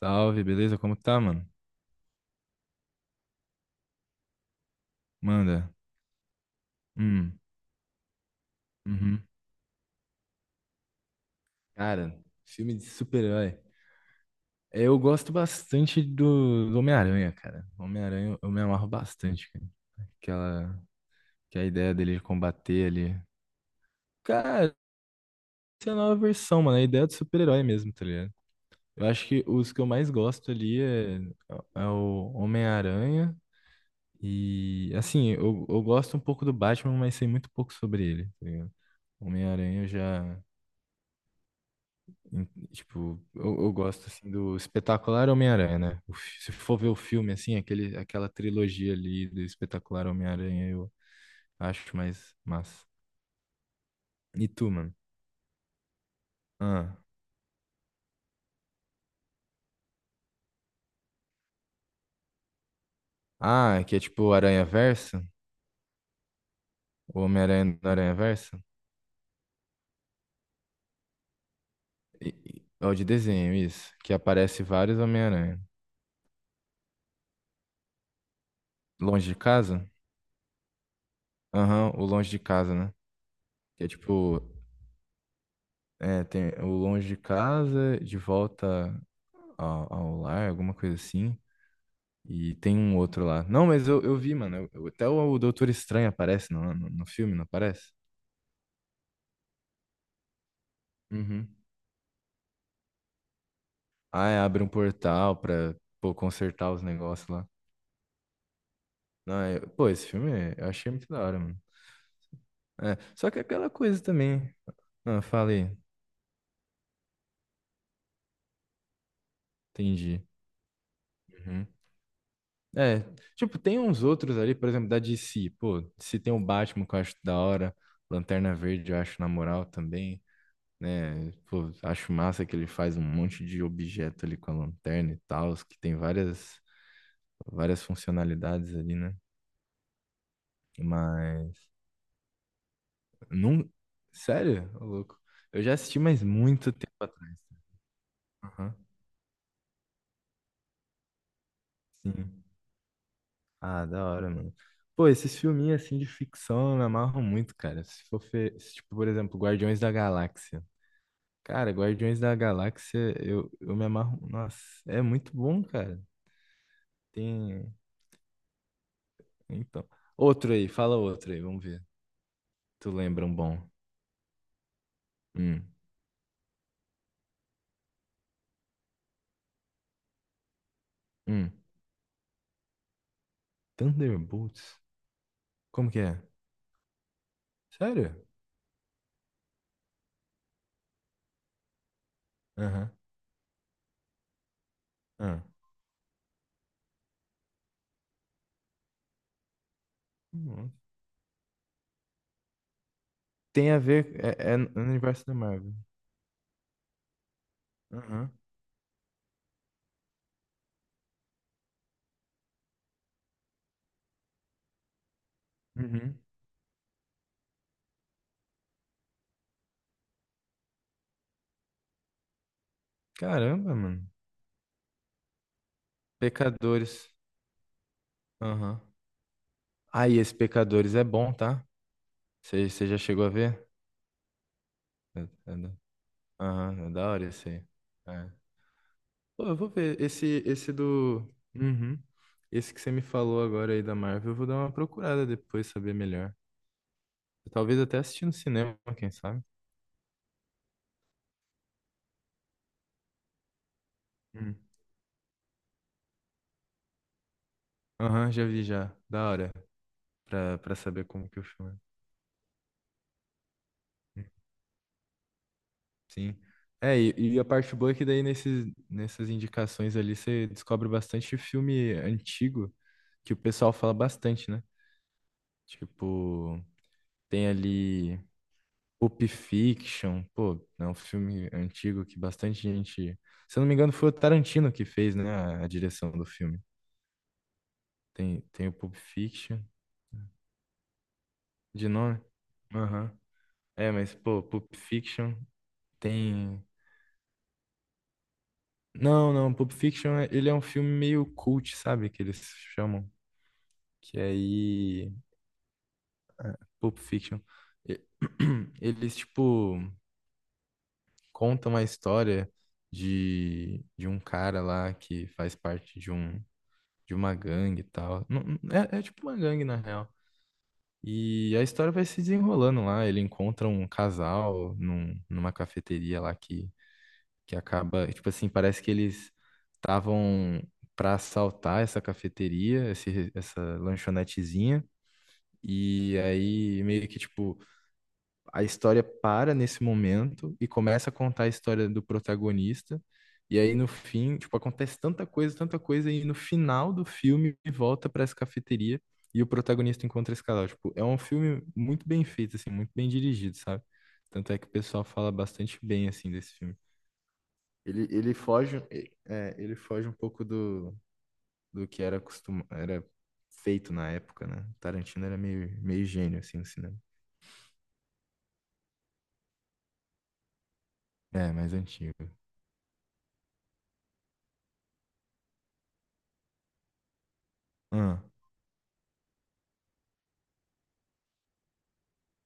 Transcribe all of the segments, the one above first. Salve, beleza? Como que tá, mano? Manda. Hum, uhum. Cara, filme de super-herói. Eu gosto bastante do Homem-Aranha, cara. Homem-Aranha eu me amarro bastante, cara. Aquela, que a ideia dele de combater ali. Cara, essa é a nova versão, mano. A ideia do super-herói mesmo, tá ligado? Eu acho que os que eu mais gosto ali é o Homem-Aranha. E, assim, eu gosto um pouco do Batman, mas sei muito pouco sobre ele, tá ligado? Homem-Aranha eu já. Tipo, eu gosto assim do Espetacular Homem-Aranha, né? Se for ver o filme assim, aquela trilogia ali do Espetacular Homem-Aranha, eu acho mais massa. E tu, mano? Ah, ah, é que é tipo o Aranha-Verso? O Homem-Aranha do Aranha-Verso? É o de desenho, isso. Que aparece vários Homem-Aranha. Longe de casa? Aham, o Longe de Casa, né? Que é tipo, é, tem o Longe de Casa, de volta ao lar, alguma coisa assim. E tem um outro lá. Não, mas eu vi, mano. Até o Doutor Estranho aparece no filme, não aparece? Uhum. Ah, é, abre um portal pra, pô, consertar os negócios lá. Não, pô, eu achei muito da hora, mano. É, só que aquela coisa também. Ah, falei, entendi. Uhum. É, tipo, tem uns outros ali, por exemplo, da DC. Pô, se tem o Batman que eu acho da hora. Lanterna Verde eu acho na moral também, né? Pô, acho massa que ele faz um monte de objeto ali com a lanterna e tal, que tem várias funcionalidades ali, né? Mas, não, sério, ô louco. Eu já assisti, mas muito tempo atrás. Aham, sim. Ah, da hora, mano. Pô, esses filminhos assim de ficção me amarram muito, cara. Se for, fe- se, tipo, por exemplo, Guardiões da Galáxia. Cara, Guardiões da Galáxia, eu me amarro. Nossa, é muito bom, cara. Tem. Então. Outro aí, fala outro aí, vamos ver. Tu lembra um bom? Hum, hum. Thunderbolts? Como que é? Sério? Aham. Ah. Hum. Tem a ver, é, é no universo da Marvel. Aham. Uhum. Caramba, mano. Pecadores. Aham. Ah, e esse Pecadores é bom, tá? Você já chegou a ver? É- é da- Aham, é da hora esse aí. É. Pô, eu vou ver. Esse do. Uhum. Esse que você me falou agora aí da Marvel, eu vou dar uma procurada depois, saber melhor. Talvez até assistir no cinema, quem sabe? Hum. Aham, já vi já. Da hora. Pra, pra saber como que o filme é. Sim. É, e a parte boa é que daí nessas indicações ali você descobre bastante filme antigo que o pessoal fala bastante, né? Tipo, tem ali Pulp Fiction, pô, é um filme antigo que bastante gente. Se eu não me engano, foi o Tarantino que fez, né, a direção do filme. Tem o Pulp Fiction de nome. Aham. É, mas, pô, Pulp Fiction tem. Não, não, Pulp Fiction, ele é um filme meio cult, sabe? Que eles chamam. Que aí. Pulp Fiction. E- Eles, tipo, contam a história de um cara lá que faz parte de uma gangue e tal. É, é tipo uma gangue, na real. E a história vai se desenrolando lá. Ele encontra um casal numa cafeteria lá que acaba, tipo assim, parece que eles estavam para assaltar essa cafeteria, essa lanchonetezinha. E aí, meio que, tipo, a história para nesse momento e começa a contar a história do protagonista. E aí, no fim, tipo, acontece tanta coisa, e no final do filme volta para essa cafeteria e o protagonista encontra esse casal. Tipo, é um filme muito bem feito, assim, muito bem dirigido, sabe? Tanto é que o pessoal fala bastante bem, assim, desse filme. Ele foge, é, ele foge um pouco do, do que era costuma, era feito na época, né? Tarantino era meio gênio, assim, no cinema. É, mais antigo. Ah,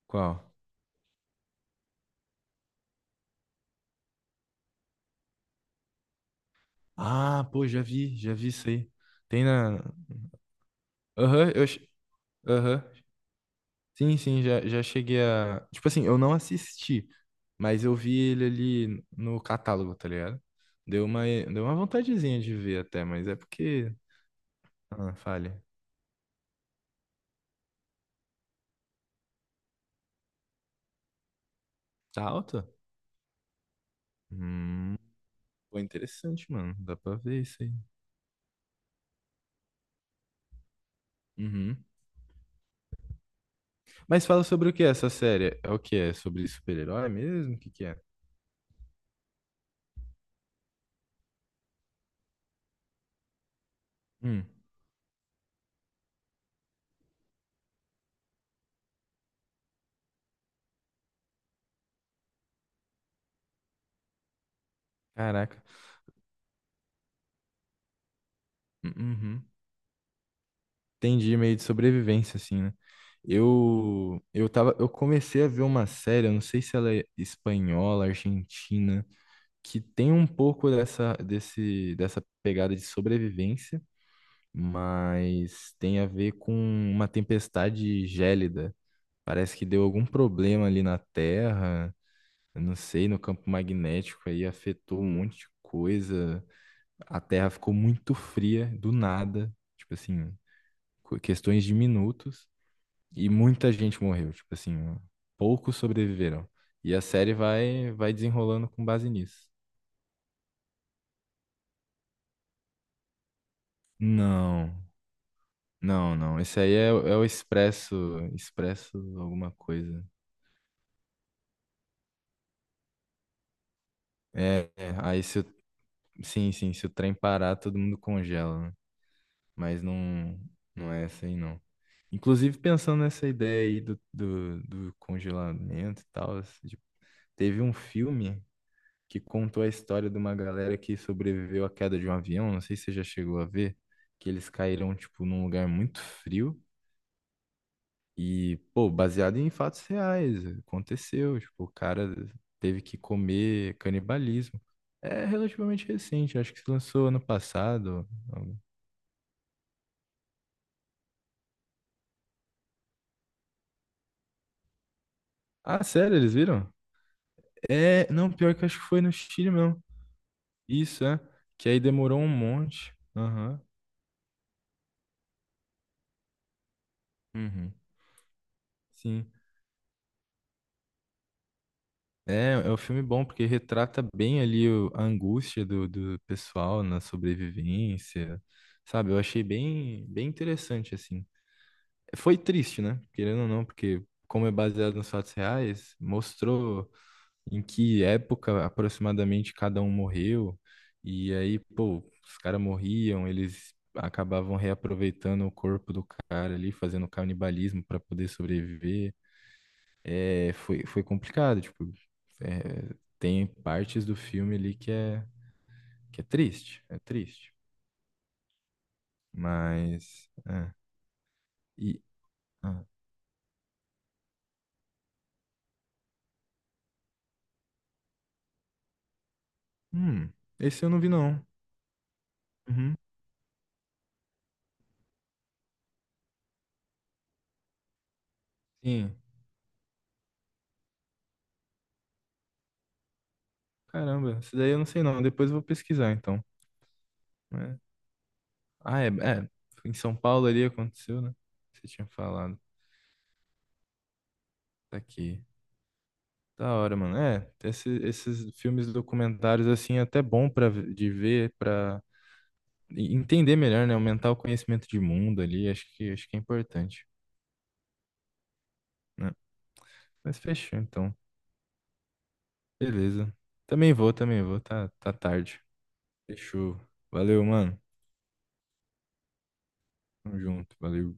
qual? Ah, pô, já vi isso aí. Tem na... Aham, eu... che- Aham. Sim, sim, já cheguei a... Tipo assim, eu não assisti, mas eu vi ele ali no catálogo, tá ligado? Deu uma vontadezinha de ver até, mas é porque... Ah, falha. Tá alto? Hum... Pô, interessante, mano. Dá pra ver isso aí. Uhum. Mas fala sobre o que é essa série? É o que é? Sobre super-herói mesmo? O que que é? Hum. Caraca. Hum, Uhum. Entendi, meio de sobrevivência, assim, né? Eu comecei a ver uma série, eu não sei se ela é espanhola, argentina, que tem um pouco dessa pegada de sobrevivência, mas tem a ver com uma tempestade gélida. Parece que deu algum problema ali na Terra, eu não sei, no campo magnético aí afetou um monte de coisa. A Terra ficou muito fria do nada, tipo assim, questões de minutos e muita gente morreu, tipo assim, poucos sobreviveram. E a série vai desenrolando com base nisso. Não, não. Esse aí é, é o Expresso, Expresso alguma coisa. É, é, aí se o, sim, sim, se o trem parar, todo mundo congela, né? Mas não, não é essa aí não. Inclusive, pensando nessa ideia aí do congelamento e tal, assim, tipo, teve um filme que contou a história de uma galera que sobreviveu à queda de um avião, não sei se você já chegou a ver, que eles caíram, tipo, num lugar muito frio e, pô, baseado em fatos reais, aconteceu, tipo, o cara teve que comer canibalismo. É relativamente recente, acho que se lançou ano passado. Ah, sério, eles viram? É, não, pior que acho que foi no Chile mesmo. Isso, é. Que aí demorou um monte. Aham. Uhum. Sim. É, é um filme bom, porque retrata bem ali a angústia do pessoal na sobrevivência, sabe? Eu achei bem interessante, assim. Foi triste, né? Querendo ou não, porque como é baseado nos fatos reais, mostrou em que época aproximadamente cada um morreu. E aí, pô, os caras morriam, eles acabavam reaproveitando o corpo do cara ali, fazendo canibalismo para poder sobreviver. Foi complicado, tipo, é, tem partes do filme ali que é triste, é triste. Mas, é, e, ah, hum, esse eu não vi não. Uhum, sim, caramba, esse daí eu não sei não, depois eu vou pesquisar então. É, ah, é, é. Em São Paulo ali aconteceu, né? Você tinha falado. Tá aqui. Da hora, mano. É, esses filmes documentários, assim, é até bom pra, de ver, pra entender melhor, né? Aumentar o conhecimento de mundo ali. Acho que é importante, né? Mas fechou, então. Beleza. Também vou. Tá tarde. Fechou. Valeu, mano. Tamo junto. Valeu.